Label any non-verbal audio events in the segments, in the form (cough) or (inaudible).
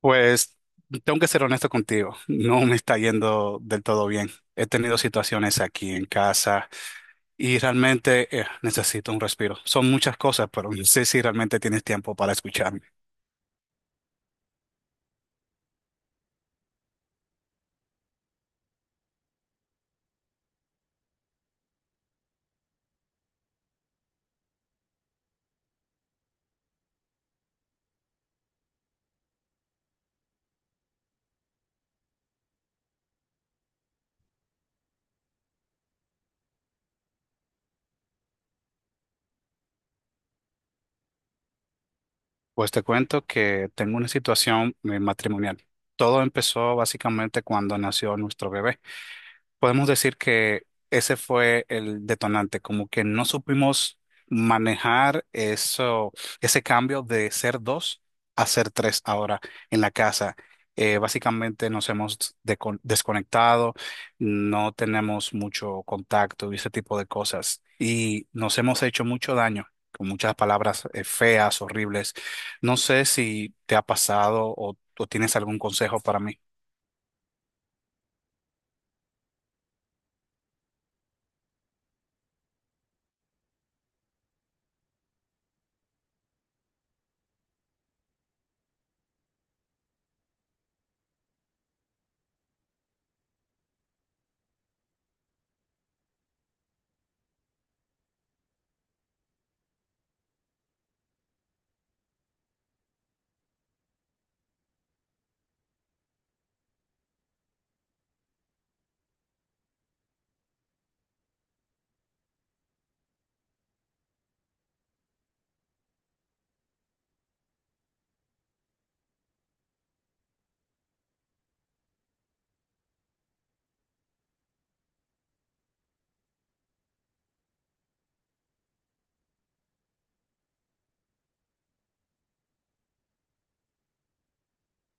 Pues tengo que ser honesto contigo, no me está yendo del todo bien. He tenido situaciones aquí en casa y realmente necesito un respiro. Son muchas cosas, pero no sé si realmente tienes tiempo para escucharme. Pues te cuento que tengo una situación matrimonial. Todo empezó básicamente cuando nació nuestro bebé. Podemos decir que ese fue el detonante, como que no supimos manejar eso, ese cambio de ser dos a ser tres ahora en la casa. Básicamente nos hemos desconectado, no tenemos mucho contacto y ese tipo de cosas. Y nos hemos hecho mucho daño con muchas palabras feas, horribles. No sé si te ha pasado o tienes algún consejo para mí.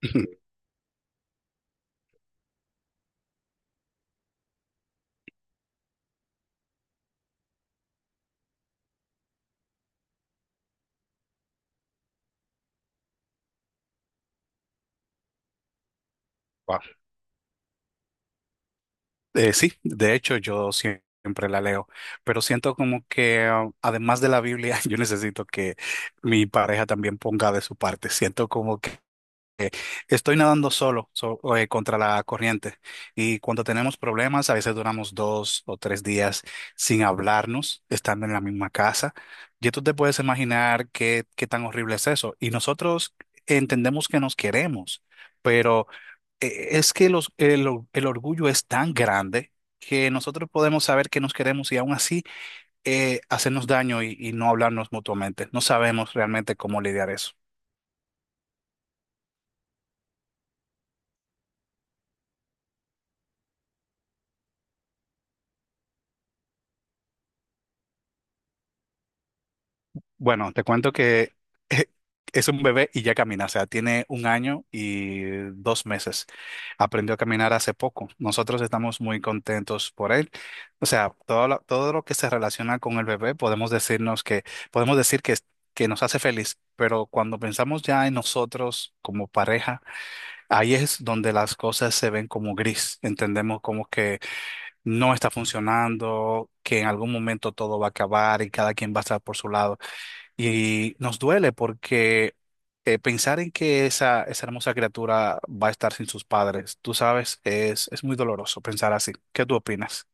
(laughs) Sí, de hecho yo siempre la leo, pero siento como que ah, además de la Biblia, (laughs) yo necesito que mi pareja también ponga de su parte. Siento como que estoy nadando solo, contra la corriente y cuando tenemos problemas, a veces duramos dos o tres días sin hablarnos, estando en la misma casa. Y tú te puedes imaginar qué, qué tan horrible es eso. Y nosotros entendemos que nos queremos. Pero es que el orgullo es tan grande que nosotros podemos saber que nos queremos y aún así hacernos daño y no hablarnos mutuamente. No sabemos realmente cómo lidiar eso. Bueno, te cuento que (laughs) es un bebé y ya camina, o sea, tiene un año y dos meses. Aprendió a caminar hace poco. Nosotros estamos muy contentos por él. O sea, todo lo que se relaciona con el bebé, podemos decir que, que nos hace feliz, pero cuando pensamos ya en nosotros como pareja, ahí es donde las cosas se ven como gris. Entendemos como que no está funcionando, que en algún momento todo va a acabar y cada quien va a estar por su lado. Y nos duele porque pensar en que esa hermosa criatura va a estar sin sus padres, tú sabes, es muy doloroso pensar así. ¿Qué tú opinas?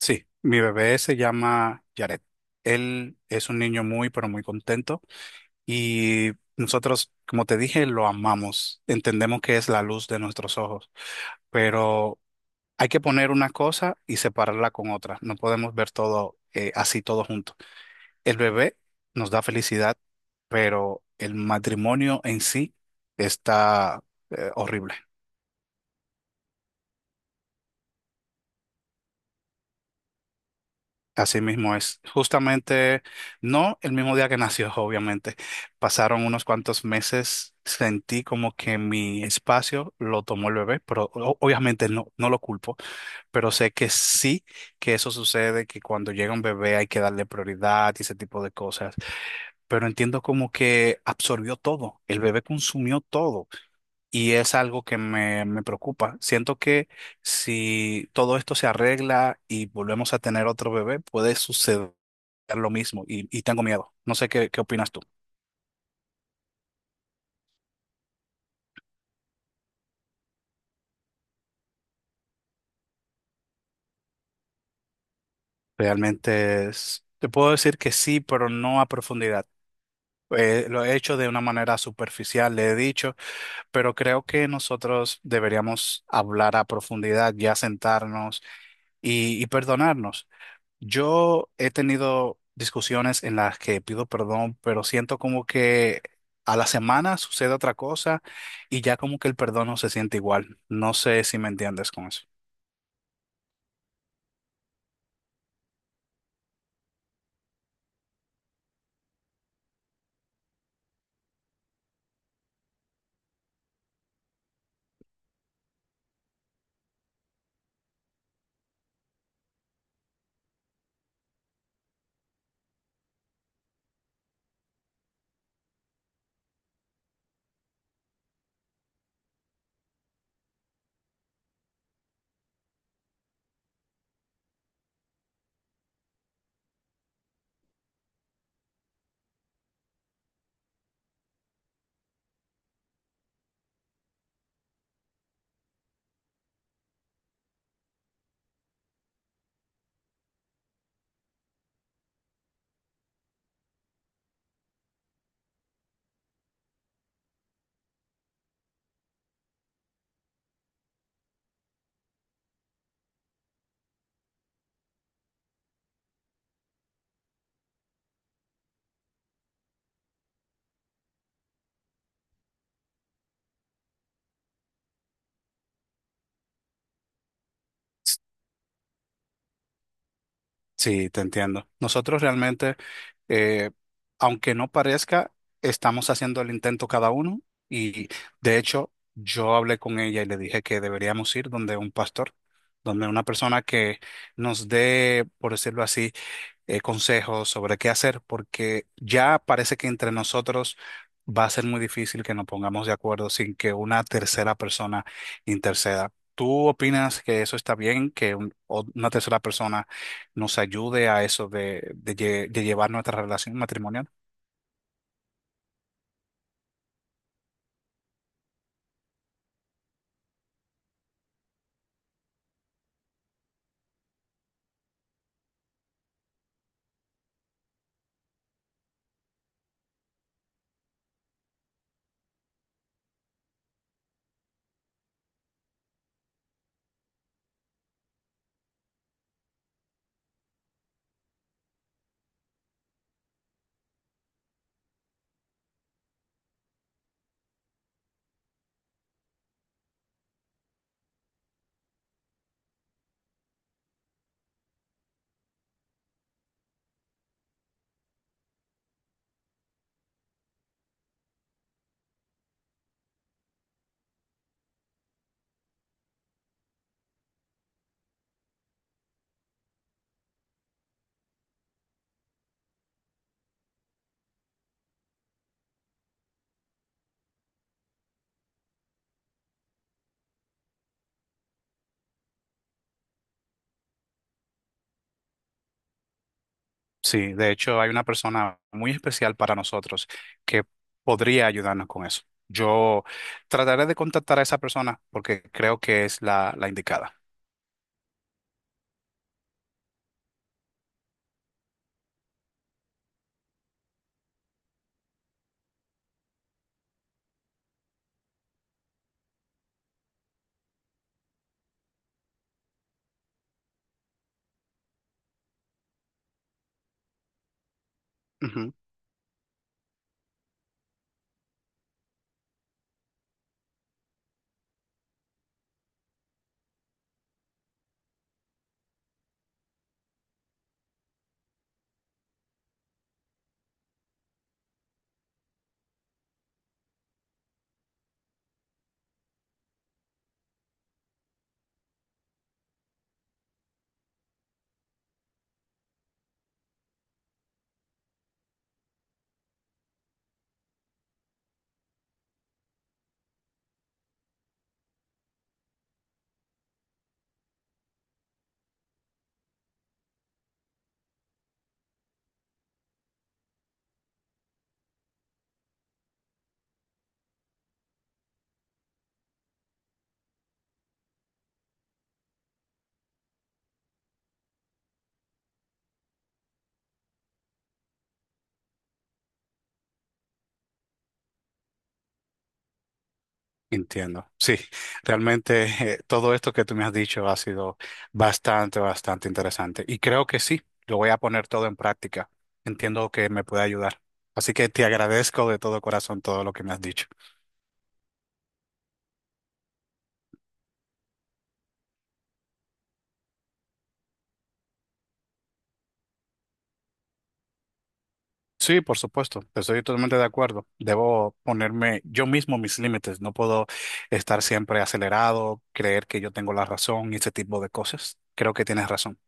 Sí, mi bebé se llama Jared. Él es un niño muy, pero muy contento y nosotros, como te dije, lo amamos. Entendemos que es la luz de nuestros ojos, pero hay que poner una cosa y separarla con otra. No podemos ver todo así, todo junto. El bebé nos da felicidad, pero el matrimonio en sí está horrible. Así mismo es. Justamente, no el mismo día que nació, (laughs) obviamente. Pasaron unos cuantos meses, sentí como que mi espacio lo tomó el bebé, pero obviamente no lo culpo, pero sé que sí que eso sucede, que cuando llega un bebé hay que darle prioridad y ese tipo de cosas. Pero entiendo como que absorbió todo, el bebé consumió todo. Y es algo que me preocupa. Siento que si todo esto se arregla y volvemos a tener otro bebé, puede suceder lo mismo y tengo miedo. No sé qué, qué opinas tú. Realmente te puedo decir que sí, pero no a profundidad. Lo he hecho de una manera superficial, le he dicho, pero creo que nosotros deberíamos hablar a profundidad, ya sentarnos y perdonarnos. Yo he tenido discusiones en las que pido perdón, pero siento como que a la semana sucede otra cosa y ya como que el perdón no se siente igual. No sé si me entiendes con eso. S- Sí, te entiendo. Nosotros realmente, eh, aunque no parezca, estamos haciendo el intento cada uno y de hecho yo hablé con ella y le dije que deberíamos ir donde un pastor, donde una persona que nos dé, por decirlo así, consejos sobre qué hacer, porque ya parece que entre nosotros va a ser muy difícil que nos pongamos de acuerdo sin que una tercera persona interceda. ¿Tú opinas que eso está bien, que una tercera persona nos ayude a eso de, de llevar nuestra relación matrimonial? Sí, de hecho hay una persona muy especial para nosotros que podría ayudarnos con eso. Yo trataré de contactar a esa persona porque creo que es la indicada. Entiendo. Sí, realmente todo esto que tú me has dicho ha sido bastante interesante. Y creo que sí, lo voy a poner todo en práctica. Entiendo que me puede ayudar. Así que te agradezco de todo corazón todo lo que me has dicho. Sí, por supuesto, estoy totalmente de acuerdo. Debo ponerme yo mismo mis límites. No puedo estar siempre acelerado, creer que yo tengo la razón y ese tipo de cosas. Creo que tienes razón.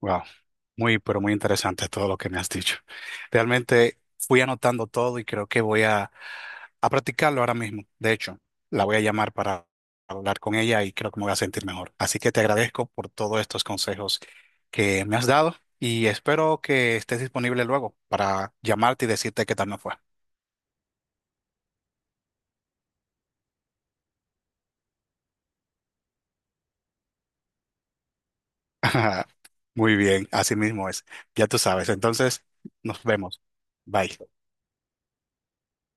Wow. Muy, pero muy interesante todo lo que me has dicho. Realmente fui anotando todo y creo que a practicarlo ahora mismo. De hecho, la voy a llamar para hablar con ella y creo que me voy a sentir mejor. Así que te agradezco por todos estos consejos que me has dado y espero que estés disponible luego para llamarte y decirte qué tal me fue. (laughs) Muy bien, así mismo es. Ya tú sabes. Entonces, nos vemos. Bye.